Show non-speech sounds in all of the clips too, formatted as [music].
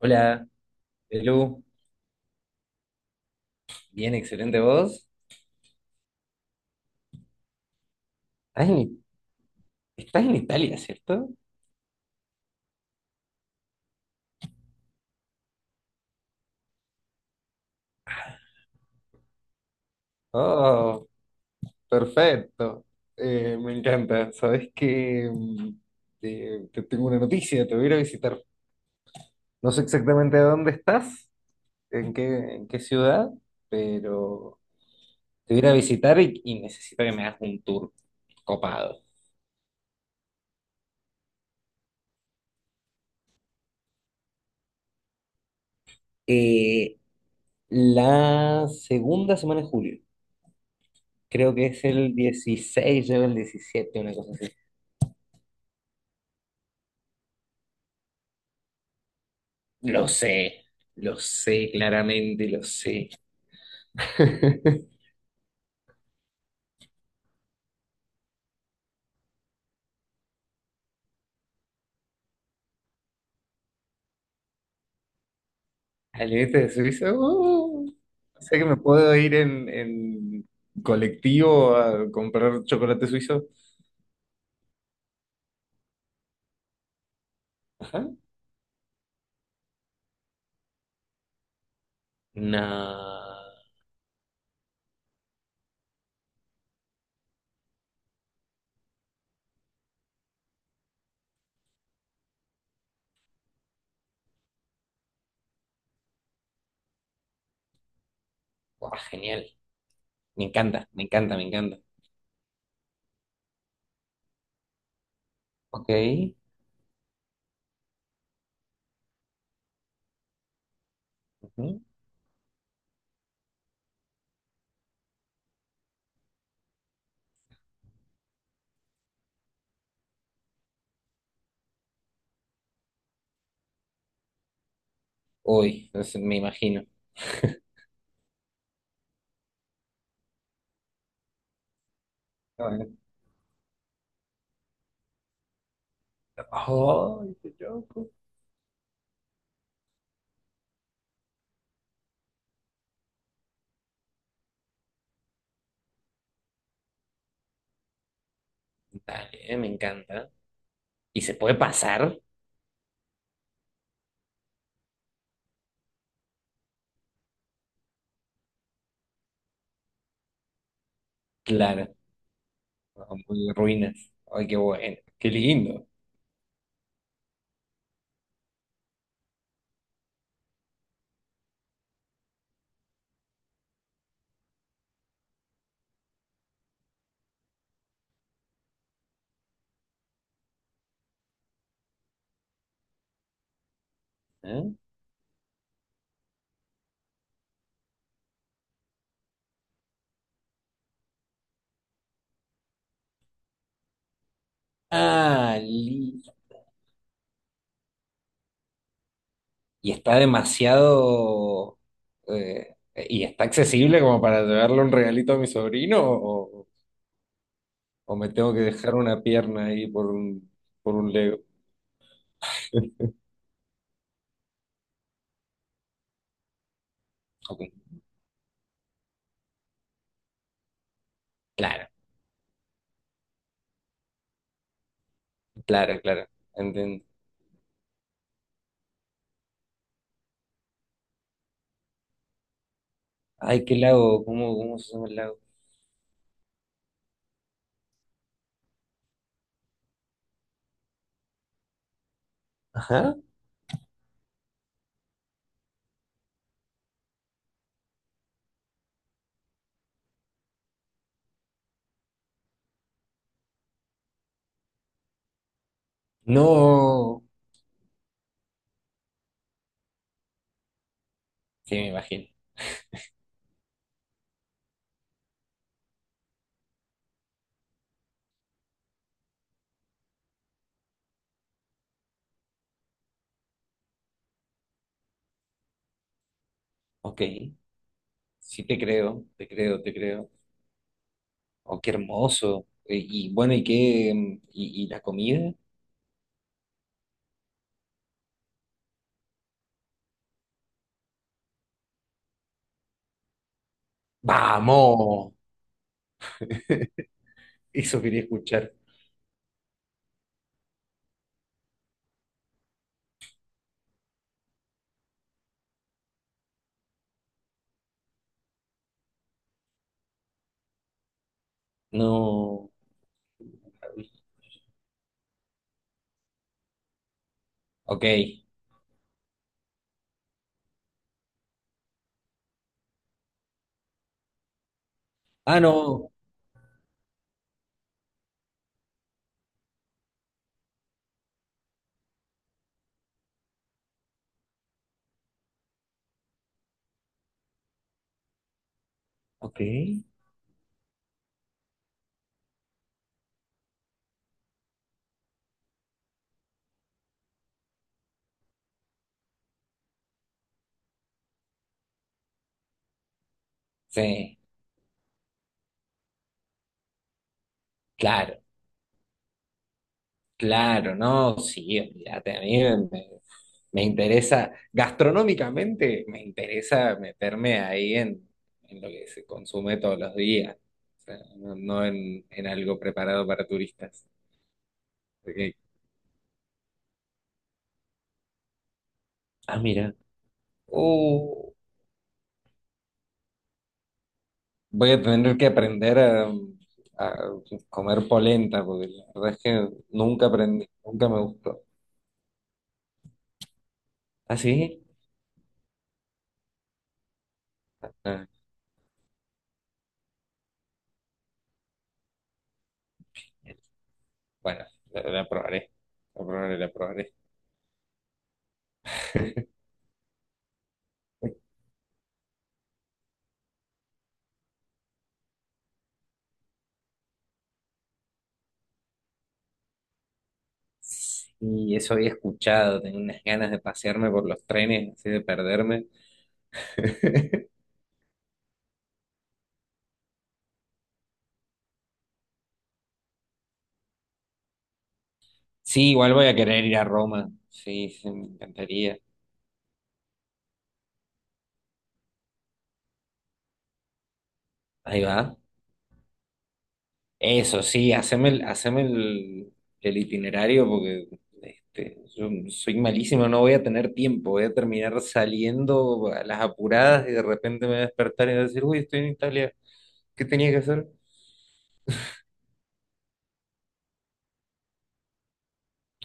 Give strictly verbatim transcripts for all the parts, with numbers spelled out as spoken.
Hola, Belu. Bien, excelente voz. Estás en, estás en Italia, ¿cierto? Oh, perfecto. Eh, me encanta. Sabes que mm, te, te tengo una noticia, te voy a ir a visitar. No sé exactamente dónde estás, en qué, en qué ciudad, pero te voy a ir a visitar y, y necesito que me hagas un tour copado. Eh, la segunda semana de julio, creo que es el dieciséis o el diecisiete, una cosa. Lo sé, lo sé, claramente lo sé. [laughs] Al límite de Suiza, uh, o sea que me puedo ir en, en colectivo a comprar chocolate suizo. Ajá. No. Buah, genial. Me encanta, me encanta, me encanta. Ok, ujú. Uy, no sé, me imagino. [laughs] Ah, bueno. Ay, qué loco. Dale, eh, me encanta. ¿Y se puede pasar? Claro, a muy ruinas. Ay, qué bueno, qué lindo. ¿Eh? Ah, li- y está demasiado... eh, ¿y está accesible como para llevarle un regalito a mi sobrino? ¿O, o me tengo que dejar una pierna ahí por un, por un Lego? [laughs] Ok, claro, claro, claro. Entiendo. Ay, qué lago, ¿cómo, cómo se llama el lago? Ajá. No. Sí, me imagino. Ok. Sí, te creo, te creo, te creo. Oh, qué hermoso. Y, y bueno, ¿y qué? mm, ¿Y, y la comida? ¡Vamos! Eso quería escuchar. No. Ok. Ah, no. Ok. Sí, claro, claro, no, sí, olvídate, a mí me, me- me interesa, gastronómicamente me interesa meterme ahí en, en lo que se consume todos los días, o sea, no, no en, en algo preparado para turistas. Porque... ah, mira, uh, voy a tener que aprender a, a comer polenta, porque la verdad es que nunca aprendí, nunca me gustó. ¿Ah, sí? Ah, bueno, la, la probaré. La probaré, la probaré. [laughs] Y eso había escuchado, tengo unas ganas de pasearme por los trenes, así de perderme. [laughs] Sí, igual voy a querer ir a Roma. Sí, sí, me encantaría. Ahí va. Eso, sí, haceme el, haceme el, el itinerario porque este, yo soy malísimo, no voy a tener tiempo. Voy a terminar saliendo a las apuradas y de repente me voy a despertar y voy a decir, uy, estoy en Italia. ¿Qué tenía que hacer?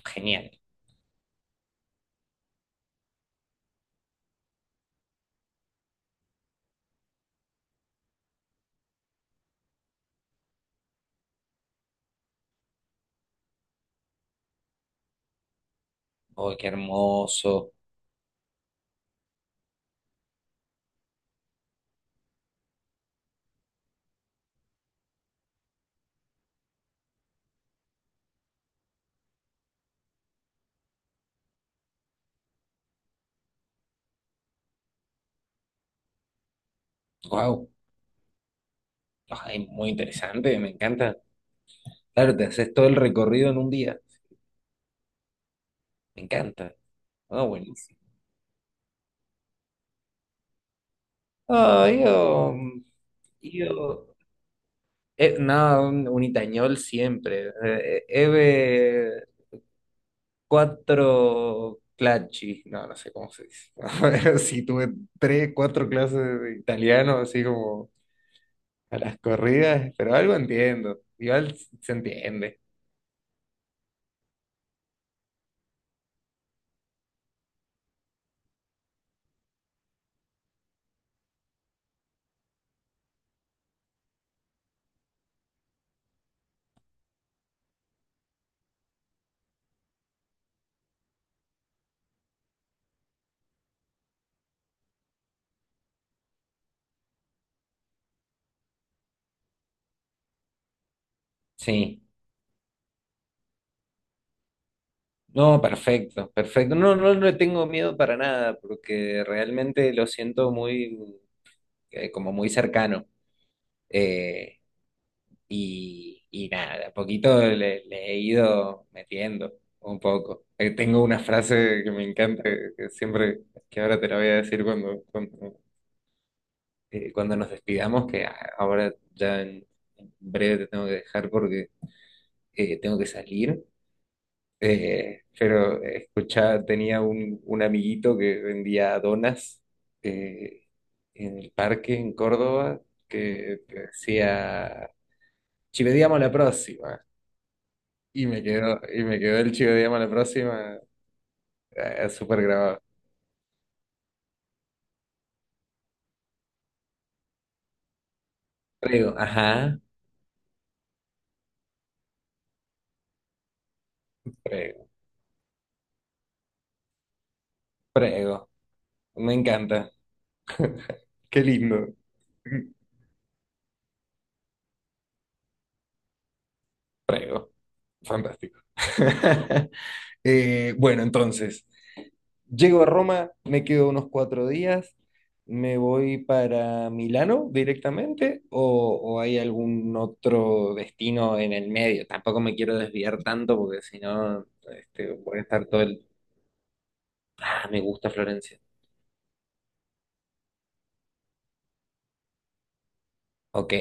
Genial. Oh, qué hermoso. Wow, muy interesante, me encanta. Claro, te haces todo el recorrido en un día. Me encanta. Ah, buenísimo. ah yo, yo, eh, no, un, un itañol siempre. Eh, eh, Eve cuatro clacci, no, no sé cómo se dice. [laughs] Sí, tuve tres, cuatro clases de italiano, así como a las corridas, pero algo entiendo. Igual se entiende. Sí. No, perfecto, perfecto. No, no le tengo miedo para nada, porque realmente lo siento muy, eh, como muy cercano. Eh, y, y nada, de a poquito le, le he ido metiendo un poco. Eh, tengo una frase que me encanta, que que siempre, que ahora te la voy a decir cuando, cuando, eh, cuando nos despidamos, que a- ahora ya en en breve te tengo que dejar porque eh, tengo que salir. Eh, pero escuchaba, tenía un, un amiguito que vendía donas eh, en el parque en Córdoba que te decía, chivediamo la próxima. Y me quedó, y me quedó el chivediamo la próxima eh, súper grabado. Prego, ajá, prego, prego. Me encanta, qué lindo. Prego, fantástico. [laughs] Eh, bueno, entonces. Llego a Roma, me quedo unos cuatro días, me voy para Milano directamente o, o hay algún otro destino en el medio. Tampoco me quiero desviar tanto porque si no, este, voy a estar todo el... Ah, me gusta Florencia. Ok,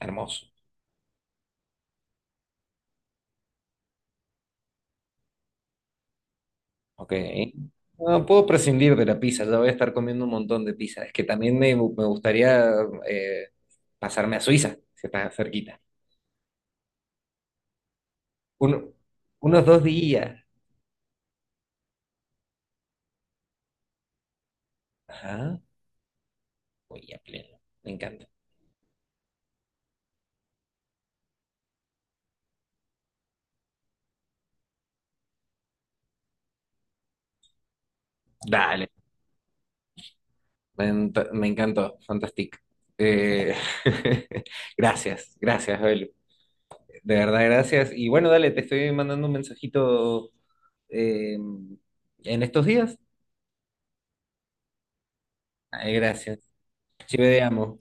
hermoso. Ok. No puedo prescindir de la pizza, ya voy a estar comiendo un montón de pizza. Es que también me, me gustaría eh, pasarme a Suiza, si está cerquita. Uno... unos dos días. Ajá. Uy, a pleno. Me encanta. Dale, me, ent- me encantó, fantástico. Eh, [laughs] gracias, gracias, Abel. De verdad, gracias. Y bueno, dale, te estoy mandando un mensajito eh, en estos días. Ay, gracias. Chivedeamos.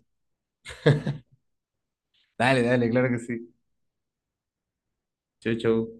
Dale, dale, claro que sí. Chau, chau.